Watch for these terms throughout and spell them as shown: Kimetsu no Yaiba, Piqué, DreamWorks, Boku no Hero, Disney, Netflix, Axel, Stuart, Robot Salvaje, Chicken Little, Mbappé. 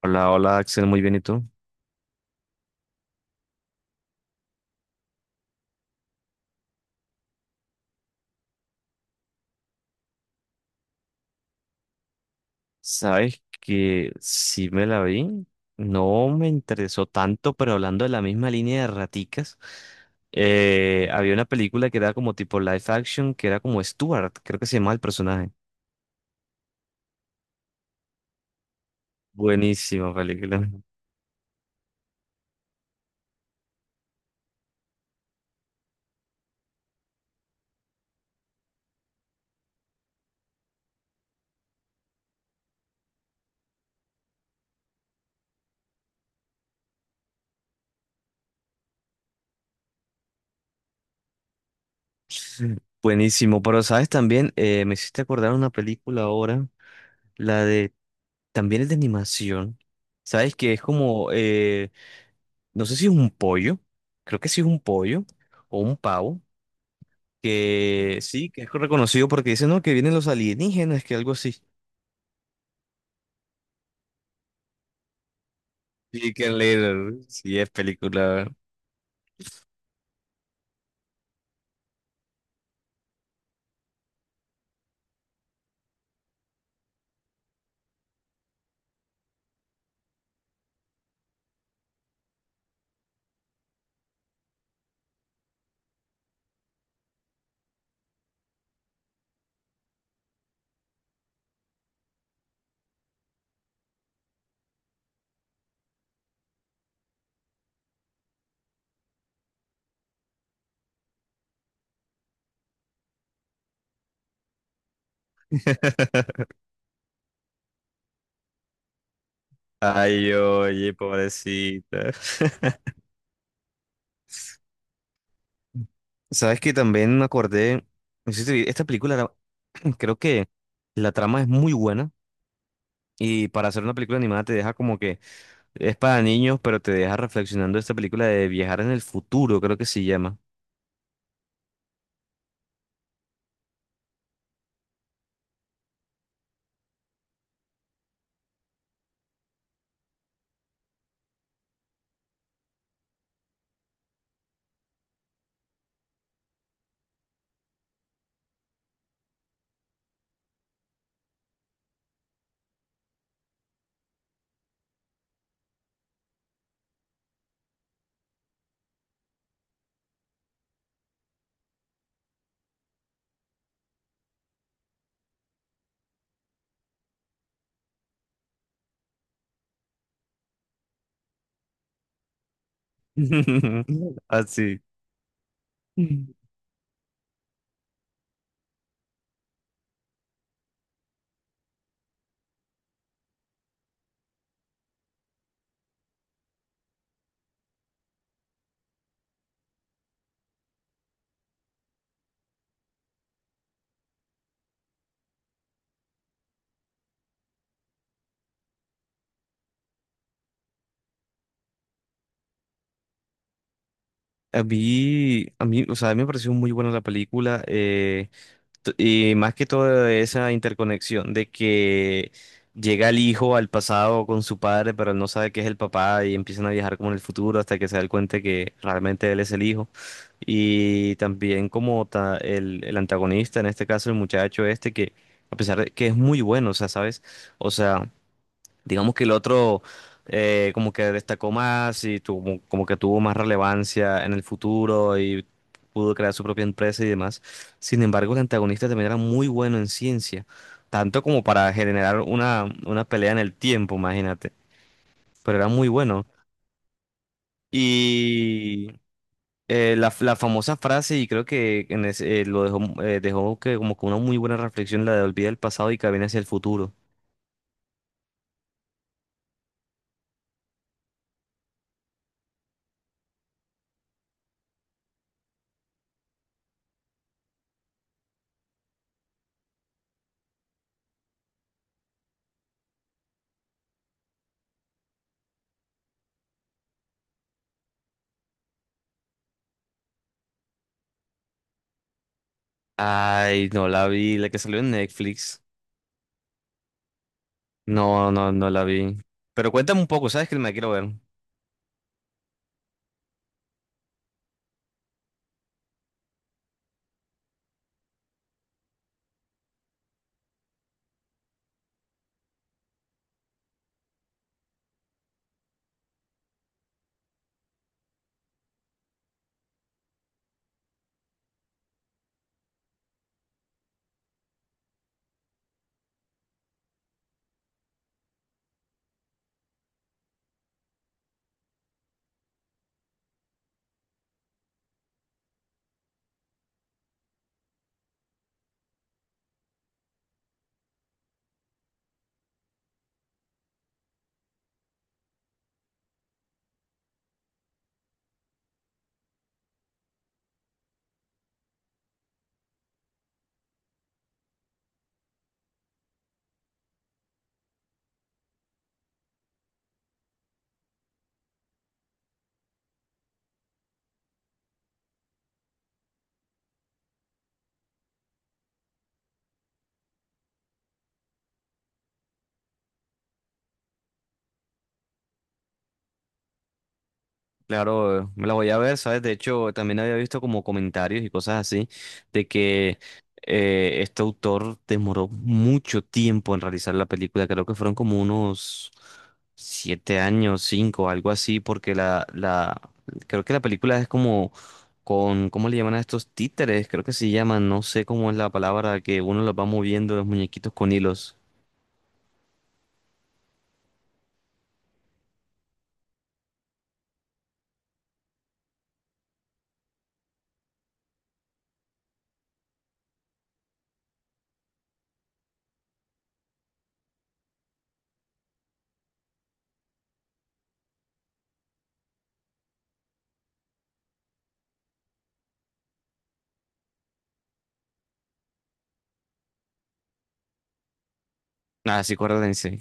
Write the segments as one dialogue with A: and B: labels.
A: Hola, hola Axel, muy bien, ¿y tú? Sabes que sí me la vi, no me interesó tanto, pero hablando de la misma línea de raticas, había una película que era como tipo live action, que era como Stuart, creo que se llamaba el personaje. Buenísima película. Buenísimo, pero sabes también, me hiciste acordar una película ahora, la de, también es de animación, sabes que es como, no sé si es un pollo, creo que sí es un pollo o un pavo que sí, que es reconocido porque dicen, no, que vienen los alienígenas, que algo así. Chicken Little, sí, es película. Ay, oye, pobrecita. Sabes que también me acordé, no sé si te vi- esta creo que la trama es muy buena y para hacer una película animada te deja como que es para niños, pero te deja reflexionando esta película de viajar en el futuro, creo que se llama. Así. A mí me pareció muy buena la película, y más que todo esa interconexión de que llega el hijo al pasado con su padre, pero él no sabe que es el papá y empiezan a viajar como en el futuro hasta que se da cuenta que realmente él es el hijo. Y también como el antagonista, en este caso el muchacho este, que a pesar de que es muy bueno, o sea, ¿sabes? O sea... Digamos que el otro, como que destacó más y tuvo, como que tuvo más relevancia en el futuro y pudo crear su propia empresa y demás. Sin embargo, el antagonista también era muy bueno en ciencia, tanto como para generar una pelea en el tiempo, imagínate. Pero era muy bueno. Y la famosa frase, y creo que en lo dejó, dejó que como que una muy buena reflexión, la de olvida el pasado y camina hacia el futuro. Ay, no la vi, la que salió en Netflix. No, no, la vi. Pero cuéntame un poco, ¿sabes que me la quiero ver? Claro, me la voy a ver, ¿sabes? De hecho, también había visto como comentarios y cosas así de que este autor demoró mucho tiempo en realizar la película. Creo que fueron como unos 7 años, 5, algo así, porque creo que la película es como con, ¿cómo le llaman a estos títeres? Creo que se llaman, no sé cómo es la palabra, que uno los va moviendo los muñequitos con hilos. Ah, sí, acuérdense.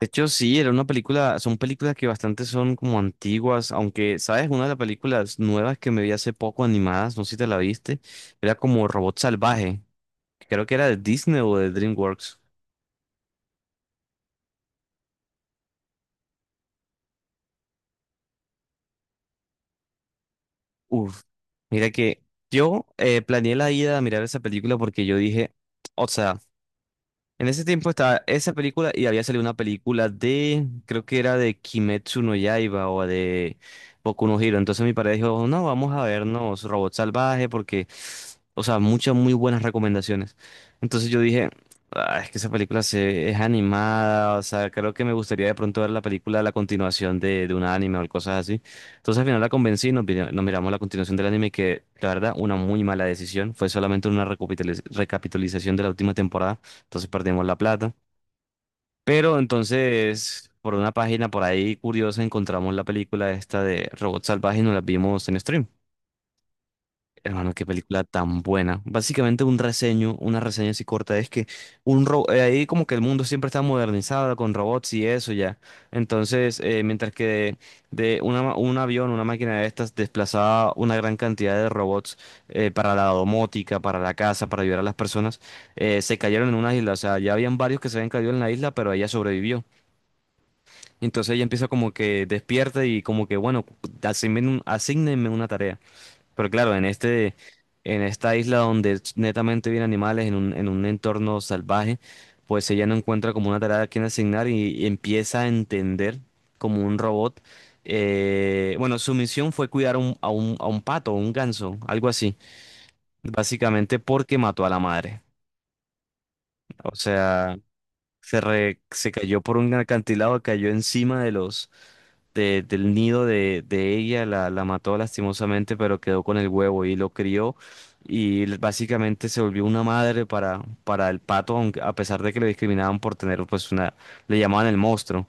A: De hecho, sí, era una película, son películas que bastante son como antiguas, aunque, ¿sabes? Una de las películas nuevas que me vi hace poco animadas, no sé si te la viste, era como Robot Salvaje, que creo que era de Disney o de DreamWorks. Uf, mira que yo planeé la ida a mirar esa película porque yo dije, o sea, en ese tiempo estaba esa película y había salido una película de, creo que era de Kimetsu no Yaiba o de Boku no Hero. Entonces mi padre dijo, no, vamos a vernos Robot Salvaje porque, o sea, muchas muy buenas recomendaciones. Entonces yo dije, "Ah, es que esa es animada, o sea, creo que me gustaría de pronto ver la película, la continuación de un anime o cosas así". Entonces al final la convencí y nos miramos la continuación del anime que, la verdad, una muy mala decisión. Fue solamente una recapitalización de la última temporada. Entonces perdimos la plata. Pero entonces, por una página por ahí curiosa, encontramos la película esta de Robot Salvaje y nos la vimos en stream. Hermano, qué película tan buena. Básicamente una reseña así corta, es que ahí como que el mundo siempre está modernizado con robots y eso ya. Entonces, mientras que un avión, una máquina de estas desplazaba una gran cantidad de robots para la domótica, para la casa, para ayudar a las personas, se cayeron en una isla. O sea, ya habían varios que se habían caído en la isla, pero ella sobrevivió. Entonces ella empieza como que despierta y como que, bueno, asígnenme asignenme una tarea. Pero claro, en esta isla donde es netamente viven animales, en un entorno salvaje, pues ella no encuentra como una tarea a quien asignar y empieza a entender como un robot. Eh, bueno, su misión fue cuidar a un pato, un ganso, algo así, básicamente porque mató a la madre. O sea, se cayó por un acantilado, cayó encima de del nido de ella, la mató lastimosamente, pero quedó con el huevo y lo crió y básicamente se volvió una madre para el pato, aunque, a pesar de que le discriminaban por le llamaban el monstruo,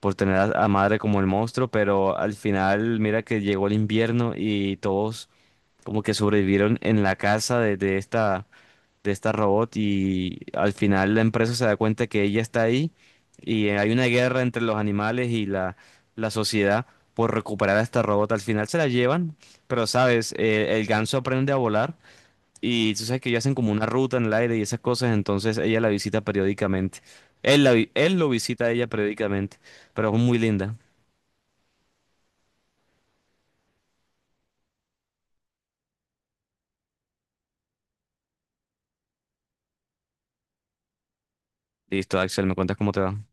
A: por tener a madre como el monstruo, pero al final mira que llegó el invierno y todos como que sobrevivieron en la casa de esta robot y al final la empresa se da cuenta que ella está ahí y hay una guerra entre los animales y la sociedad por recuperar a esta robot. Al final se la llevan, pero sabes, eh, el ganso aprende a volar y tú sabes que ellos hacen como una ruta en el aire y esas cosas, entonces ella la visita periódicamente. Él lo visita a ella periódicamente, pero es muy linda. Listo, Axel, ¿me cuentas cómo te va?